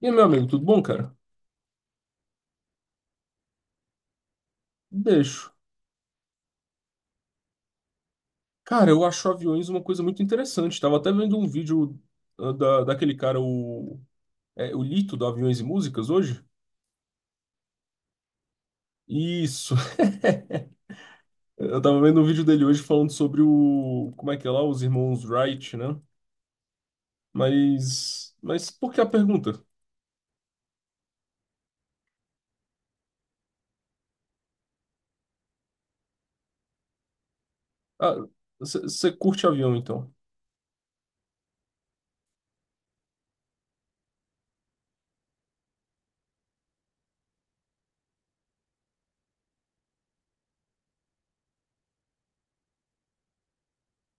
E aí, meu amigo, tudo bom, cara? Deixo. Cara, eu acho aviões uma coisa muito interessante. Tava até vendo um vídeo daquele cara, o Lito, do Aviões e Músicas, hoje. Isso. Eu tava vendo um vídeo dele hoje falando sobre como é que é lá? Os irmãos Wright, né? Mas por que a pergunta? Ah, você curte avião, então?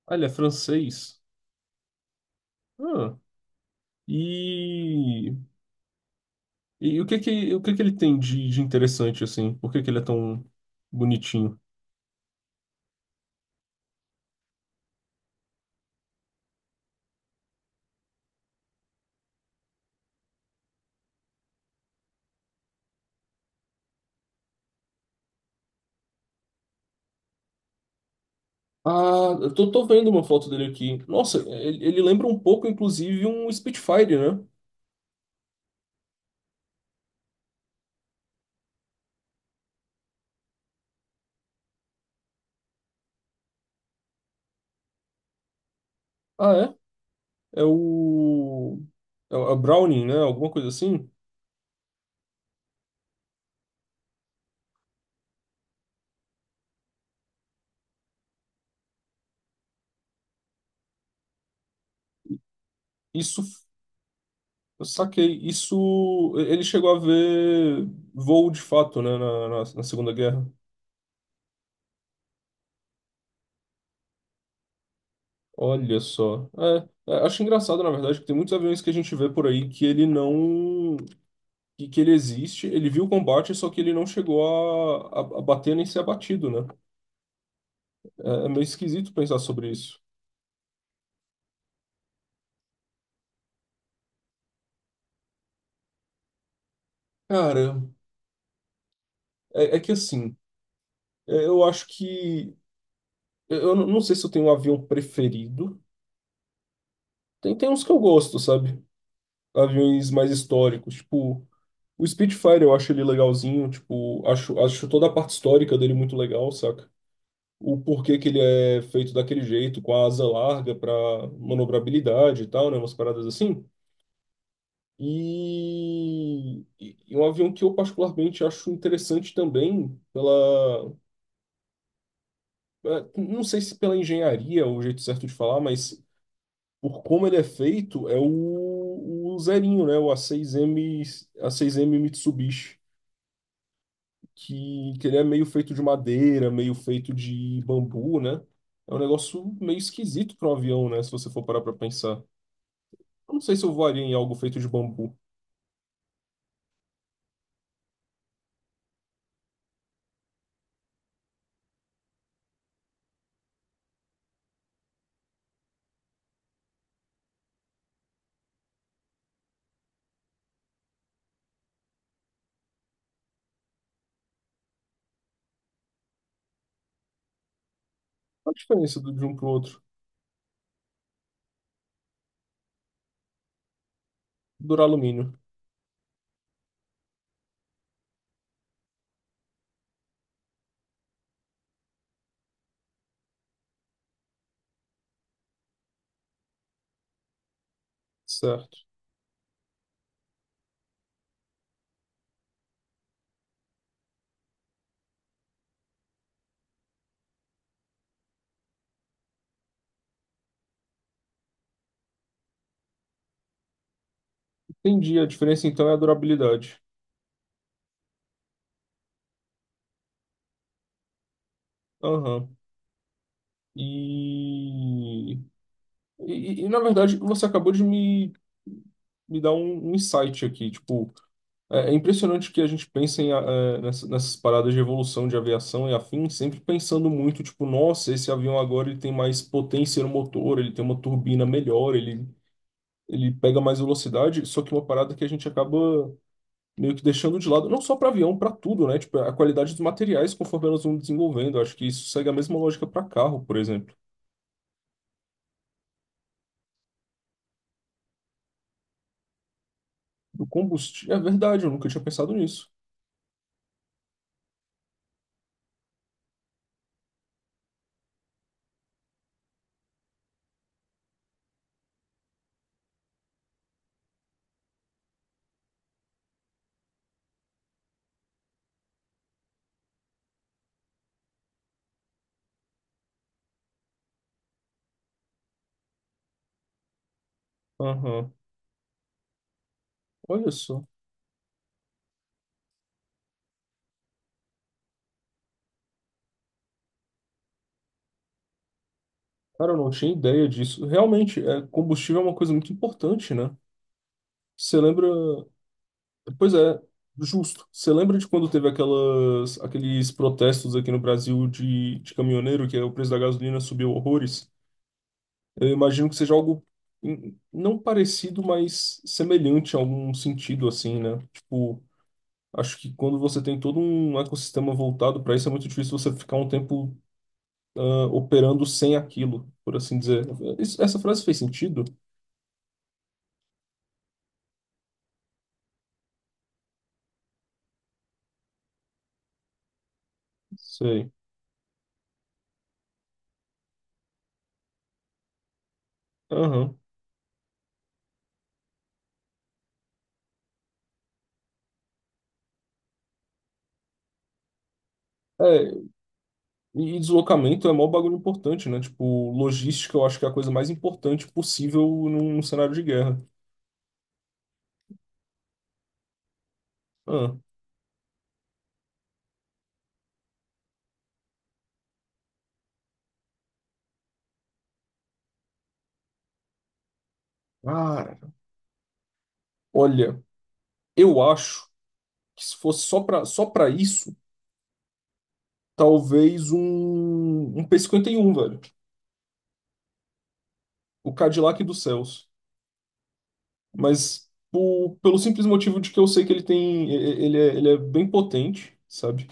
Ah, ele é francês? Ah, e... E o que que ele tem de interessante, assim? Por que que ele é tão bonitinho? Ah, eu tô vendo uma foto dele aqui. Nossa, ele lembra um pouco, inclusive, um Spitfire, né? Ah, é? É o. é o Browning, né? Alguma coisa assim? Isso. Eu saquei. Isso. Ele chegou a ver voo de fato, né? Na Segunda Guerra. Olha só. É, acho engraçado, na verdade, que tem muitos aviões que a gente vê por aí que ele não. Que ele existe, ele viu o combate, só que ele não chegou a bater nem ser abatido, né? É, é meio esquisito pensar sobre isso. Cara, é que assim, eu acho que. Eu não sei se eu tenho um avião preferido. Tem uns que eu gosto, sabe? Aviões mais históricos. Tipo, o Spitfire eu acho ele legalzinho. Tipo, acho toda a parte histórica dele muito legal, saca? O porquê que ele é feito daquele jeito, com a asa larga pra manobrabilidade e tal, né? Umas paradas assim. E um avião que eu particularmente acho interessante também pela não sei se pela engenharia é o jeito certo de falar, mas por como ele é feito, é o zerinho, né? O A6M Mitsubishi, que ele é meio feito de madeira, meio feito de bambu, né? É um negócio meio esquisito para um avião, né? Se você for parar para pensar. Eu não sei se eu voaria em algo feito de bambu. Qual a diferença de um para o outro? Duralumínio. Certo. Entendi. A diferença então é a durabilidade. Aham. E E, na verdade, você acabou de me dar um insight aqui. Tipo, é impressionante que a gente pense em, nessas paradas de evolução de aviação e afins, sempre pensando muito, tipo, nossa, esse avião agora ele tem mais potência no motor, ele tem uma turbina melhor, ele pega mais velocidade. Só que uma parada que a gente acaba meio que deixando de lado, não só para avião, para tudo, né? Tipo, a qualidade dos materiais conforme elas vão desenvolvendo. Eu acho que isso segue a mesma lógica para carro, por exemplo. Do combustível. É verdade, eu nunca tinha pensado nisso. Aham. Olha só. Cara, eu não tinha ideia disso. Realmente, combustível é uma coisa muito importante, né? Você lembra. Pois é, justo. Você lembra de quando teve aqueles protestos aqui no Brasil de caminhoneiro, que é o preço da gasolina subiu horrores? Eu imagino que seja algo não parecido, mas semelhante a algum sentido, assim, né? Tipo, acho que quando você tem todo um ecossistema voltado para isso, é muito difícil você ficar um tempo operando sem aquilo, por assim dizer. Essa frase fez sentido? Sei. Aham. É, e deslocamento é mó bagulho importante, né? Tipo, logística eu acho que é a coisa mais importante possível num cenário de guerra. Ah, cara, olha, eu acho que se fosse só pra isso, talvez um P-51 velho. O Cadillac dos céus. Mas pelo simples motivo de que eu sei que ele tem. Ele é bem potente, sabe?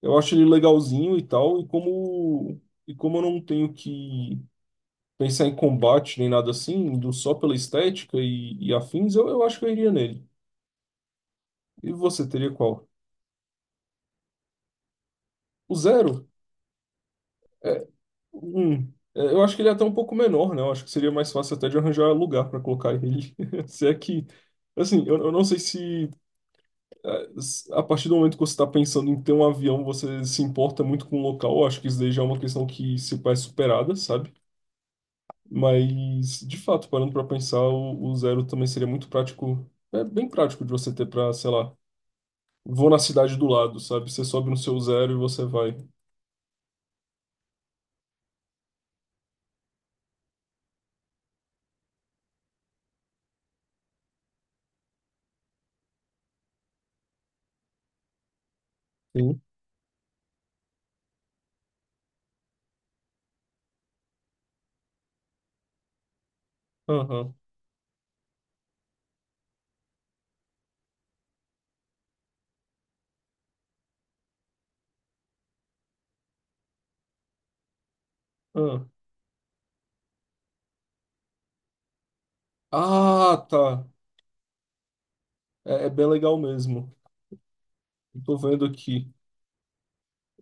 Eu acho ele legalzinho e tal, e como. E como eu não tenho que pensar em combate nem nada assim, indo só pela estética e afins, eu acho que eu iria nele. E você teria qual? O zero? É, um. É, eu acho que ele é até um pouco menor, né? Eu acho que seria mais fácil até de arranjar lugar para colocar ele. Se é que. Assim, eu não sei se a partir do momento que você está pensando em ter um avião, você se importa muito com o local. Eu acho que isso daí já é uma questão que se faz superada, sabe? Mas, de fato, parando para pensar, o zero também seria muito prático. É bem prático de você ter para, sei lá, vou na cidade do lado, sabe? Você sobe no seu zero e você vai. Sim. Aham. Aham. Ah, tá. É, é bem legal mesmo. Eu tô vendo aqui.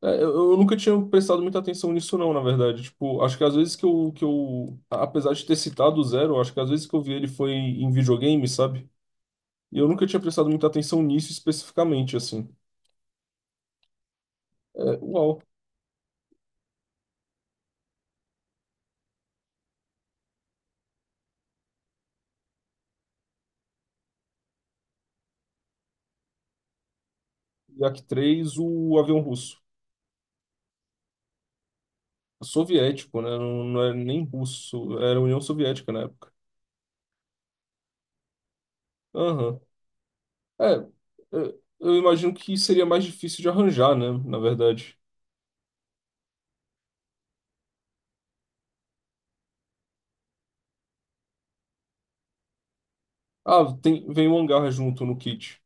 É, eu nunca tinha prestado muita atenção nisso, não, na verdade. Tipo, acho que às vezes que eu, apesar de ter citado o zero, acho que às vezes que eu vi ele foi em videogame, sabe? E eu nunca tinha prestado muita atenção nisso especificamente, assim. É, uau. Yak-3, o avião russo. Soviético, né? Não, não era nem russo. Era União Soviética na época. Aham. É, eu imagino que seria mais difícil de arranjar, né? Na verdade. Ah, vem um hangar junto no kit.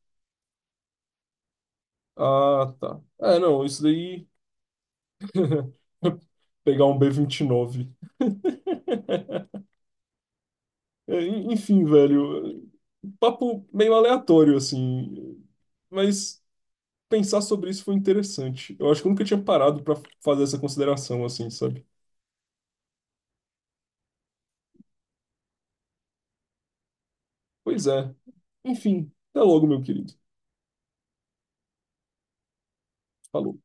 Ah, tá. É, não, isso daí. Pegar um B-29. É, Enfim, velho. Papo meio aleatório, assim. Mas pensar sobre isso foi interessante. Eu acho que eu nunca tinha parado pra fazer essa consideração, assim, sabe? Pois é. Enfim, até logo, meu querido. Falou.